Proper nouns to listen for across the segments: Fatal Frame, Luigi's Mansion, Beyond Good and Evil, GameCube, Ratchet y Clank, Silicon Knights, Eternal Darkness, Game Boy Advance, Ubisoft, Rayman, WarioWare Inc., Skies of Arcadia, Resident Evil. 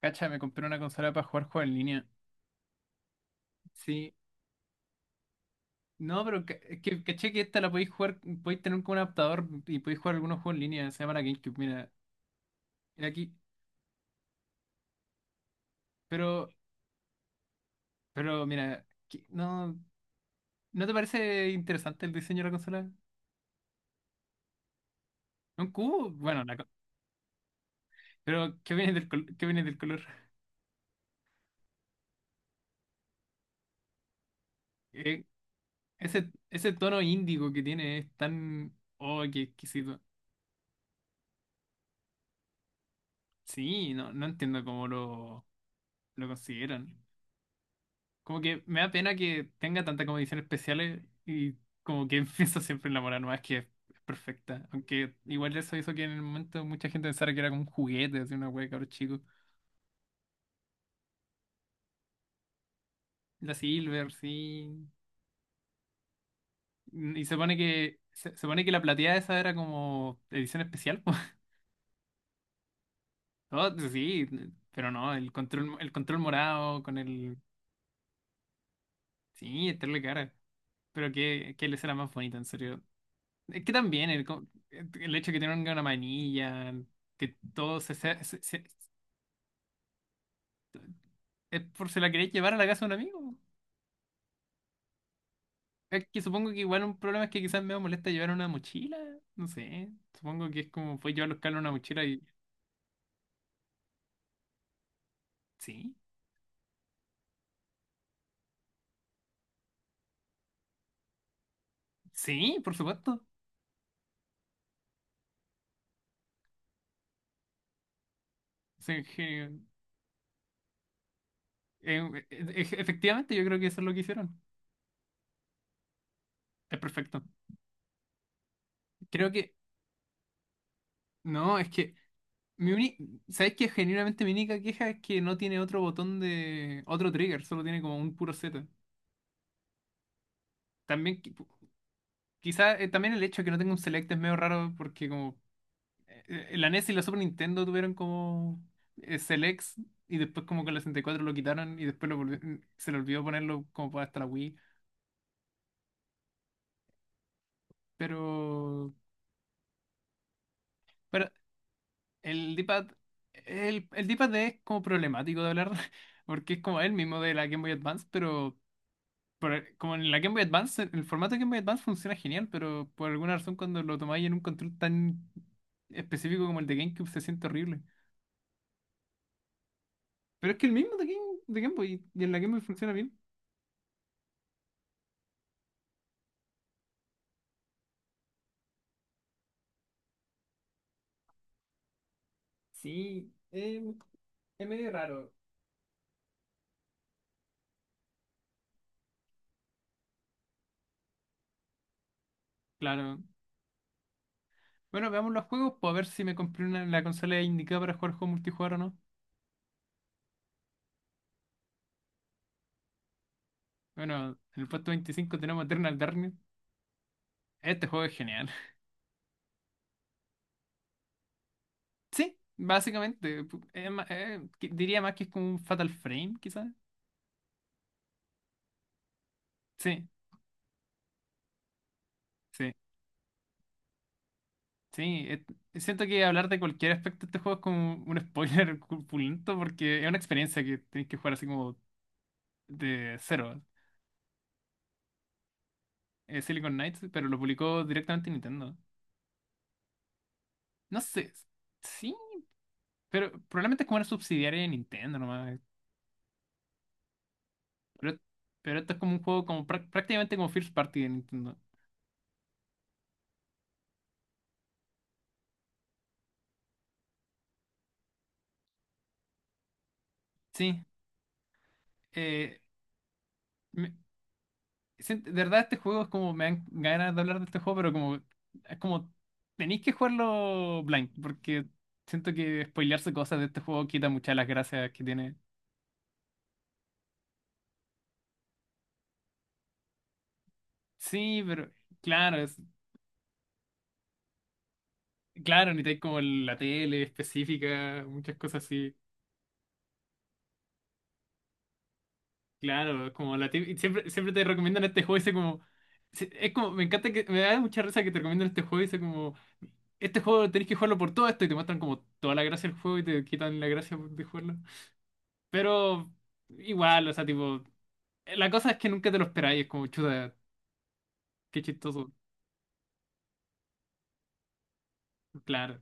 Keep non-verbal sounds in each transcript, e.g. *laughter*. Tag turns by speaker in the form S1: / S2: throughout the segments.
S1: Cacha, me compré una consola para jugar juegos en línea. Sí. No, pero es que caché que esta la podéis jugar, podéis tener como un adaptador y podéis jugar algunos juegos en línea. Se llama la GameCube, mira. Mira aquí. Pero, pero mira, no, ¿no te parece interesante el diseño de la consola? ¿Un cubo? Bueno, pero ¿qué viene del, qué viene del color? Eh, ese, ese tono índigo que tiene es tan... Oh, qué exquisito. Sí, no, no entiendo cómo lo consideran. Como que me da pena que tenga tantas condiciones especiales y como que *laughs* pienso siempre en la mora nomás que es perfecta. Aunque igual eso hizo que en el momento mucha gente pensara que era como un juguete, así una wea de cabros chicos. La Silver, sí. Y se pone que se pone que la plateada esa era como edición especial, po. *laughs* Oh, sí, pero no, el control morado con el... Sí, estarle cara. Pero que les era más bonita, en serio. Es que también el, el hecho de que tenga una manilla, que todo se, es por si la queréis llevar a la casa de un amigo. Es que supongo que igual un problema es que quizás me molesta llevar una mochila. No sé. Supongo que es como fue llevar los cables en una mochila y. Sí, sí, por supuesto. Sí, efectivamente, yo creo que eso es lo que hicieron. Es perfecto. Creo que. No, es que. Mi uni- ¿Sabes qué? Genuinamente mi única queja es que no tiene otro botón de, otro trigger, solo tiene como un puro Z. También quizá también el hecho de que no tenga un Select es medio raro porque como eh, la NES y la Super Nintendo tuvieron como Selects y después como que la 64 lo quitaron y después se le olvidó ponerlo como para hasta la Wii. Pero, pero el D-pad, el D-pad es como problemático de hablar *laughs* porque es como el mismo de la Game Boy Advance, pero como en la Game Boy Advance, el formato de Game Boy Advance funciona genial, pero por alguna razón cuando lo tomáis en un control tan específico como el de GameCube se siente horrible. Pero es que el mismo de Game Boy y en la Game Boy funciona bien. Sí, es medio raro. Claro. Bueno, veamos los juegos, para ver si me compré una, la consola indicada para jugar juegos multijugador o no. Bueno, en el puesto 25 tenemos Eternal Darkness. Este juego es genial. *laughs* Sí, básicamente. Diría más que es como un Fatal Frame, quizás. Sí, sí, sí. Siento que hablar de cualquier aspecto de este juego es como un spoiler *laughs* culpulento porque es una experiencia que tenéis que jugar así como de cero. Silicon Knights, pero lo publicó directamente Nintendo. No sé, sí, pero probablemente es como una subsidiaria de Nintendo nomás. Pero, pero esto es como un juego como prácticamente como first party de Nintendo. Sí, eh, me- de verdad este juego es como me dan ganas de hablar de este juego, pero como es como tenéis que jugarlo blind, porque siento que spoilearse cosas de este juego quita muchas de las gracias que tiene. Sí, pero claro, es, claro, necesitáis como la tele específica, muchas cosas así. Claro, siempre, siempre te recomiendan este juego y sé como. Es como, me encanta que. Me da mucha risa que te recomiendan este juego y sé como. Este juego tenés que jugarlo por todo esto y te muestran como toda la gracia del juego y te quitan la gracia de jugarlo. Pero igual, o sea, tipo. La cosa es que nunca te lo esperáis, es como chuta, qué chistoso. Claro.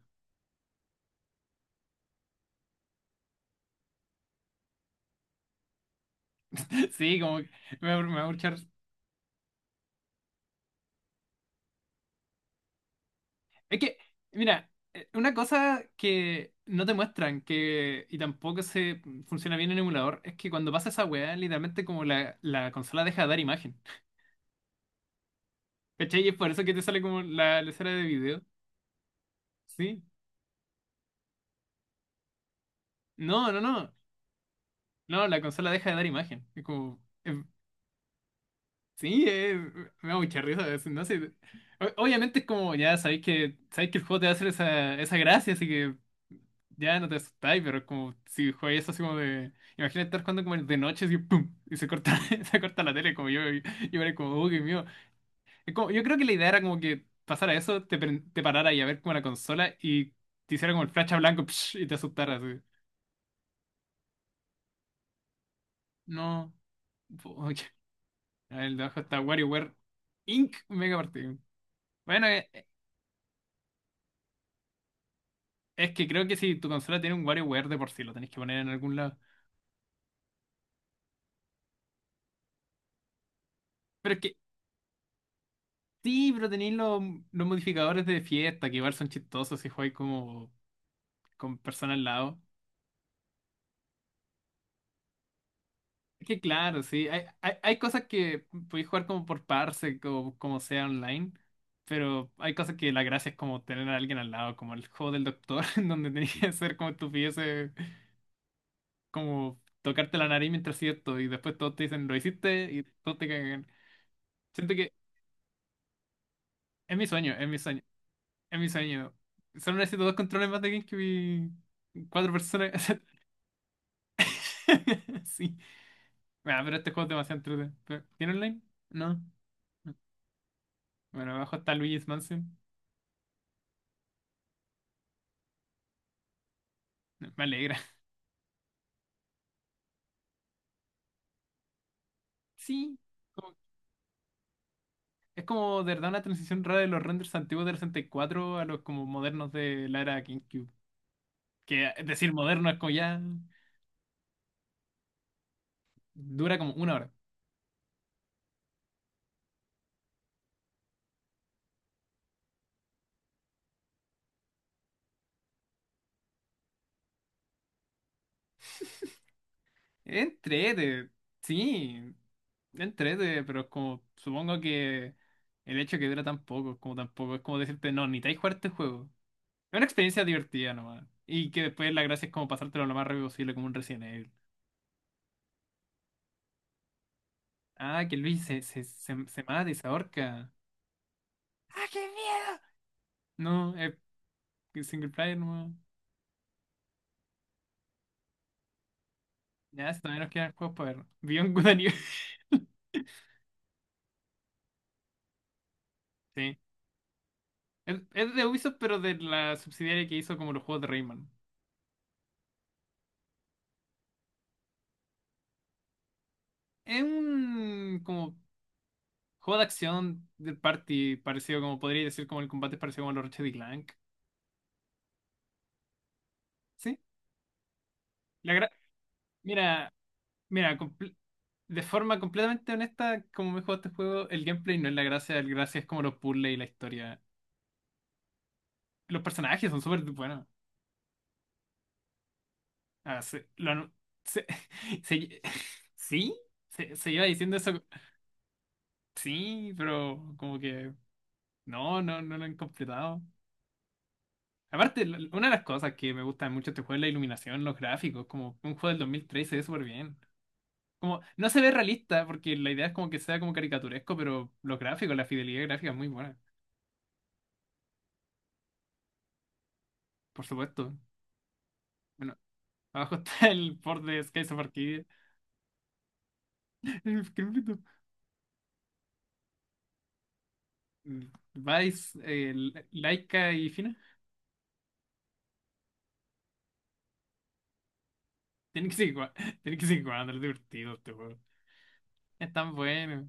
S1: *laughs* Sí, como. Me, da- me, Es que, mira, una cosa que no te muestran que, y tampoco se funciona bien en emulador, es que cuando pasa esa weá, literalmente como la consola deja de dar imagen. ¿Cachai? Y es por eso que te sale como la escena de video. ¿Sí? No, no, no. No, la consola deja de dar imagen. Es como. Sí, me da mucha risa. No sé. Obviamente es como, ya sabéis que el juego te va a hacer esa, esa gracia, así que ya no te asustáis, pero es como si jugáis eso así como de. Imagina estar jugando como de noche así, ¡pum! Y se corta, *laughs* se corta la tele, como yo era como, oh, qué mío. Yo creo que la idea era como que pasara eso, te, te parara y a ver como la consola y te hiciera como el flash a blanco psh, y te asustara así. No. Oye, el de abajo está WarioWare Inc. Mega partido. Bueno, es que creo que si tu consola tiene un WarioWare de por sí, lo tenés que poner en algún lado. Pero es que sí, pero tenéis los modificadores de fiesta, que igual son chistosos si jugáis como con personas al lado. Es que claro, sí, hay cosas que podéis jugar como por parse, como, como sea online, pero hay cosas que la gracia es como tener a alguien al lado, como el juego del doctor, *laughs* en donde tenías que hacer como estupideces, como tocarte la nariz mientras hacías esto, y después todos te dicen, lo hiciste, y todos te cagan. Siento que es mi sueño, es mi sueño. Es mi sueño. Solo necesito dos controles más de GameCube y cuatro personas. *laughs* Sí. Bueno, pero este juego es demasiado entretenido. ¿Tiene online? No. Bueno, abajo está Luigi's Mansion. No, me alegra. Sí. Como- Es como de verdad una transición rara de los renders antiguos del 64 a los como modernos de la era GameCube. Que es decir moderno es como ya dura como una hora. Entrete, sí, entrete, pero es como, supongo que el hecho que dura tan poco, es como tampoco, es como decirte, no, ni te hay jugar este juego. Es una experiencia divertida nomás. Y que después la gracia es como pasártelo lo más rápido posible, como un Resident Evil. Ah, que Luis se, se, se, se mata y se ahorca. ¡Ah, qué miedo! No, es single player nomás. Ya, si todavía nos quedan juegos para ver. Beyond Good and Evil. *laughs* Sí. Es de Ubisoft, pero de la subsidiaria que hizo como los juegos de Rayman. Es un como juego de acción del party parecido como podría decir como el combate parecido como los Ratchet y Clank. Sí. La gra- mira, mira, de forma completamente honesta, como me he jugado este juego, el gameplay no es la gracia, el gracia es como los puzzles y la historia. Los personajes son súper buenos. Ah, se, lo anu- se- *laughs* se- sí, se iba diciendo eso. Sí, pero como que no, no, no lo han completado. Aparte, una de las cosas que me gusta mucho de este juego es la iluminación, los gráficos, como un juego del 2013 se ve súper bien. Como, no se ve realista, porque la idea es como que sea como caricaturesco, pero los gráficos, la fidelidad gráfica es muy buena, por supuesto. Bueno, abajo *laughs* está el port de Skies of Arcadia. *laughs* Qué bonito. Vice, Laika y Fina. Tienen que seguir jugando, *laughs* tienen que seguir jugando, es divertido este juego. Es tan bueno.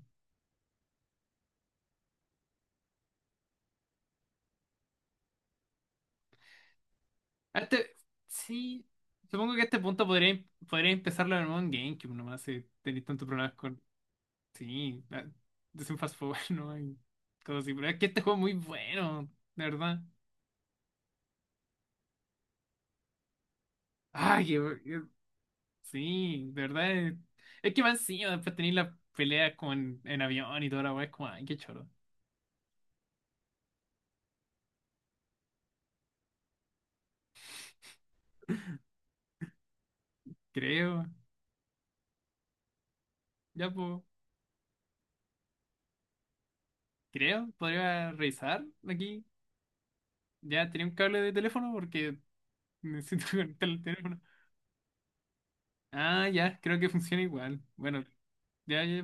S1: A este, sí, supongo que a este punto podría, podría empezarlo en un GameCube nomás, si tenéis tantos problemas con... Sí, ah, es un fast forward, *laughs* ¿no? Hay cosas así, pero es que este juego es muy bueno, de verdad. Ay, eh, eh, sí, de verdad. Es que más encima después tenéis las peleas como en avión y toda la weá, es como, ay, qué choro. Creo, ya pues, creo, podría revisar aquí. Ya tenía un cable de teléfono porque necesito *laughs* conectar el teléfono. Ah, ya, creo que funciona igual. Bueno, ya, ya